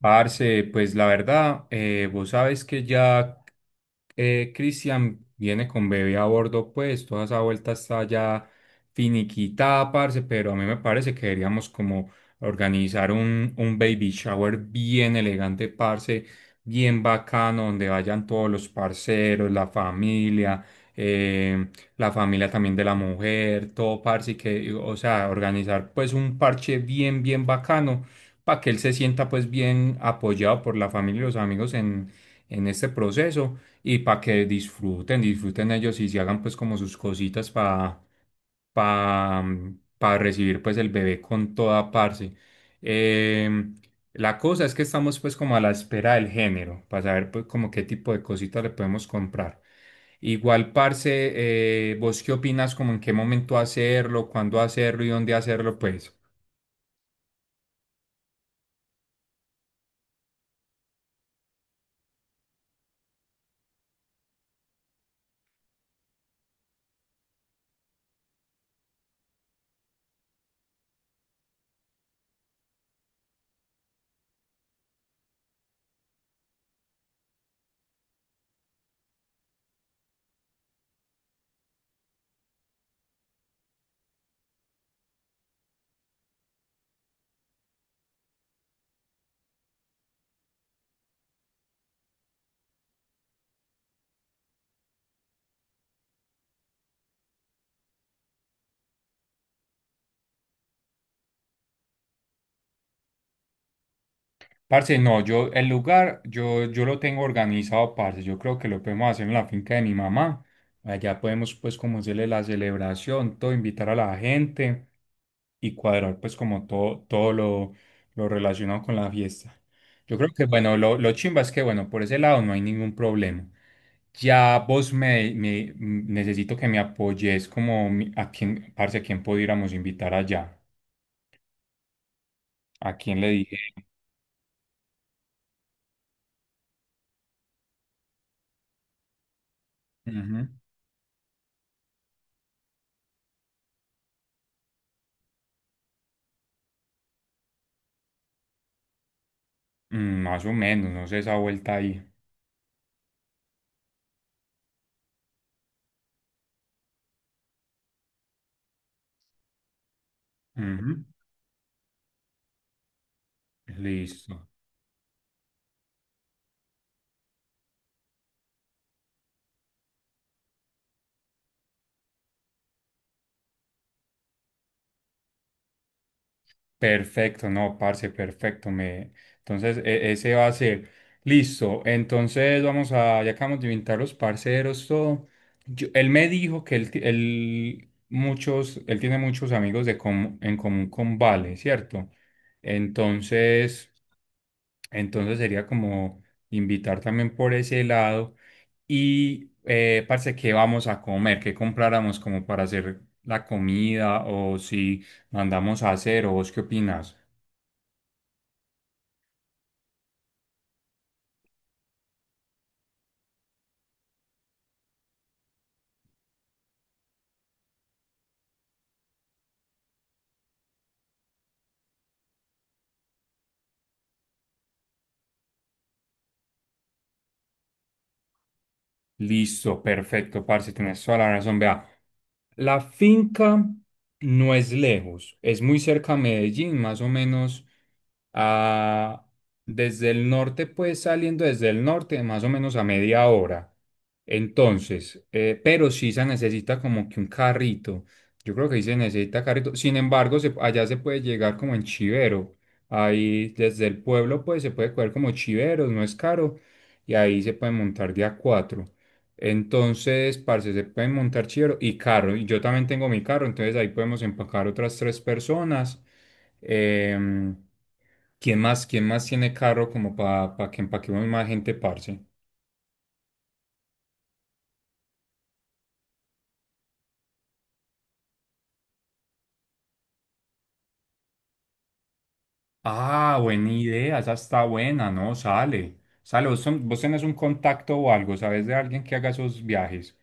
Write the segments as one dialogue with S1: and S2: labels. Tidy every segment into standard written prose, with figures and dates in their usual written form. S1: Parce, pues la verdad, vos sabes que ya, Cristian viene con bebé a bordo, pues toda esa vuelta está ya finiquitada, parce, pero a mí me parece que deberíamos como organizar un baby shower bien elegante, parce, bien bacano, donde vayan todos los parceros, eh, la familia también de la mujer, todo, parce, y que, o sea, organizar pues un parche bien, bien bacano, para que él se sienta pues bien apoyado por la familia y los amigos en este proceso, y para que disfruten ellos y se hagan pues como sus cositas pa, para recibir pues el bebé con toda parte. La cosa es que estamos pues como a la espera del género, para saber pues como qué tipo de cositas le podemos comprar. Igual, parce, ¿vos qué opinas como en qué momento hacerlo, cuándo hacerlo y dónde hacerlo? Pues. Parce, no, yo el lugar, yo lo tengo organizado, parce. Yo creo que lo podemos hacer en la finca de mi mamá. Allá podemos, pues, como hacerle la celebración, todo, invitar a la gente y cuadrar, pues, como todo lo relacionado con la fiesta. Yo creo que, bueno, lo chimba es que, bueno, por ese lado no hay ningún problema. Ya vos necesito que me apoyes como a quién, parce, a quién pudiéramos invitar allá. A quién le dije. Ujú. Más o menos, no sé esa vuelta ahí. Ujú. Listo. Perfecto, no, parce, perfecto. Me... Entonces, ese va a ser. Listo. Entonces, ya acabamos de inventar los parceros, todo. Él me dijo que él tiene muchos amigos en común con Vale, ¿cierto? Entonces, sería como invitar también por ese lado. Y parce, ¿qué vamos a comer? ¿Qué compráramos como para hacer la comida? O si mandamos a hacer, ¿o vos qué opinas? Listo, perfecto, parce, tienes toda la razón. Vea, la finca no es lejos, es muy cerca a Medellín, más o menos a- desde el norte, pues saliendo desde el norte, más o menos a media hora. Entonces, pero sí se necesita como que un carrito. Yo creo que ahí se necesita carrito. Sin embargo, allá se puede llegar como en Chivero. Ahí desde el pueblo, pues se puede coger como Chiveros, no es caro. Y ahí se puede montar de a cuatro. Entonces, parce, se pueden montar chivero y carro. Y yo también tengo mi carro, entonces ahí podemos empacar otras tres personas. Em, ¿quién más tiene carro como para que empaquemos más gente, parce? Ah, buena idea, esa está buena, ¿no? Sale. Sale, vos, vos tenés un contacto o algo, ¿sabes de alguien que haga esos viajes?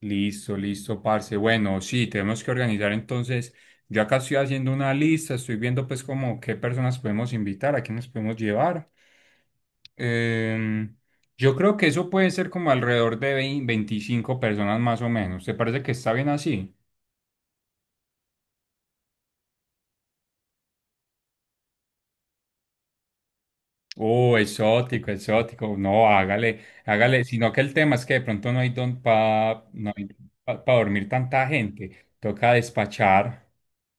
S1: Listo, listo, parce. Bueno, sí, tenemos que organizar entonces. Yo acá estoy haciendo una lista, estoy viendo pues como qué personas podemos invitar, a quiénes podemos llevar. Em, yo creo que eso puede ser como alrededor de 20 25 personas más o menos. ¿Te parece que está bien así? Oh, exótico, exótico. No, hágale, hágale. Sino que el tema es que de pronto no hay pa dormir tanta gente. Toca despachar,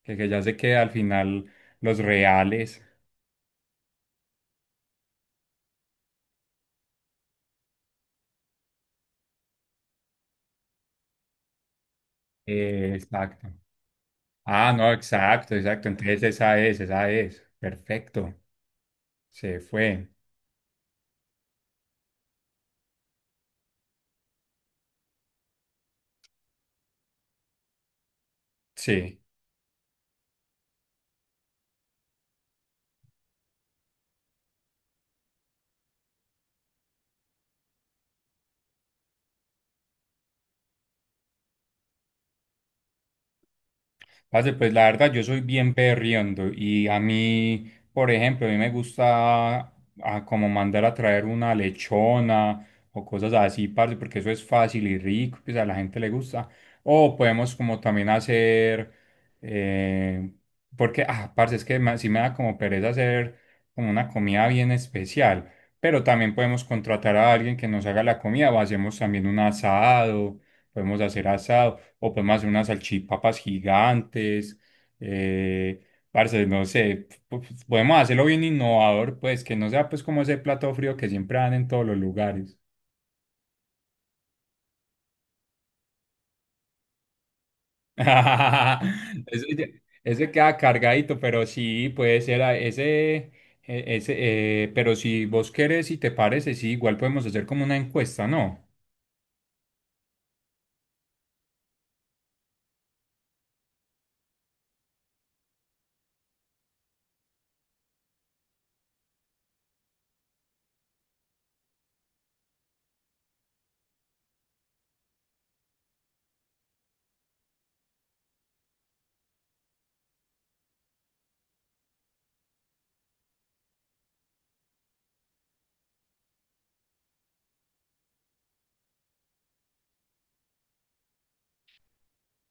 S1: que ya se queda al final los reales. Exacto. Ah, no, exacto, exacto. Entonces esa es, esa es. Perfecto. Se fue. Sí. Parce, pues la verdad, yo soy bien perriondo y a mí, por ejemplo, a mí me gusta como mandar a traer una lechona o cosas así, parce, porque eso es fácil y rico, pues a la gente le gusta. O podemos como también hacer, eh, porque, parce, es que sí me da como pereza hacer como una comida bien especial, pero también podemos contratar a alguien que nos haga la comida o hacemos también un asado, podemos hacer asado. O podemos hacer unas salchipapas gigantes. Eh, parce, no sé, podemos hacerlo bien innovador, pues que no sea pues como ese plato frío que siempre dan en todos los lugares. Ese, ya- ese queda cargadito, pero sí, puede ser ese pero si vos querés y te parece, sí, igual podemos hacer como una encuesta, ¿no?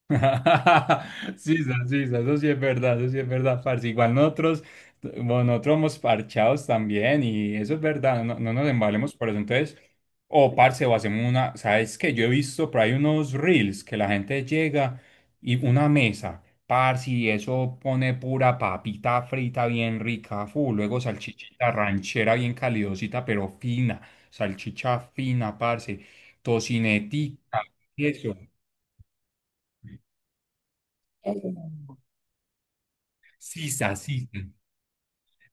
S1: Sí, sí, eso sí es verdad, eso sí es verdad, parce. Igual nosotros, bueno, nosotros somos parchados también y eso es verdad, no, no nos embalemos por eso. Entonces, o parce, o hacemos una, ¿sabes qué? Yo he visto por ahí unos reels que la gente llega y una mesa, parce, y eso pone pura papita frita bien rica, full, luego salchichita ranchera bien calidosita, pero fina, salchicha fina, parce, tocinetica, queso. Sisa, sisa.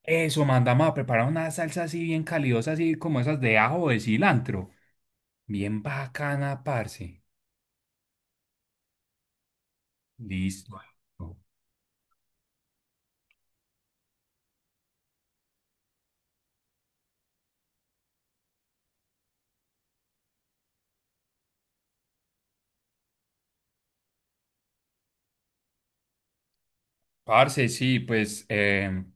S1: Eso, mandamos a preparar una salsa así bien calidosa, así como esas de ajo o de cilantro. Bien bacana, parce. Listo. Parce, sí, pues.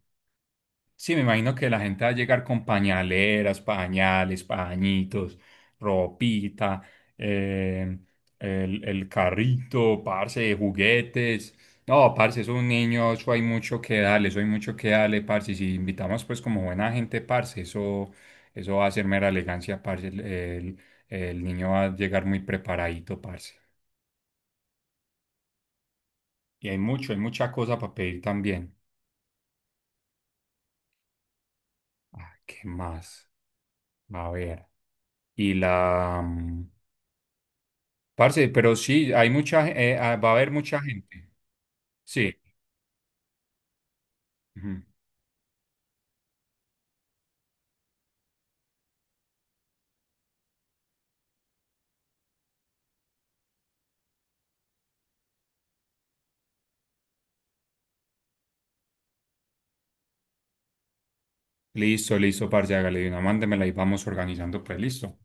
S1: Sí, me imagino que la gente va a llegar con pañaleras, pañales, pañitos, ropita, eh, el carrito, parce, juguetes. No, parce, es un niño, eso hay mucho que darle, eso hay mucho que darle, parce. Y si invitamos pues como buena gente, parce, eso va a ser mera elegancia, parce. El niño va a llegar muy preparadito, parce. Y hay mucha cosa para pedir también. Ah, ¿qué más? A ver. Y la... mm, Parce, pero sí, hay mucha, va a haber mucha gente. Sí. Ujú. Listo, listo, parce, hágale de una, mándemela y vamos organizando, pues listo.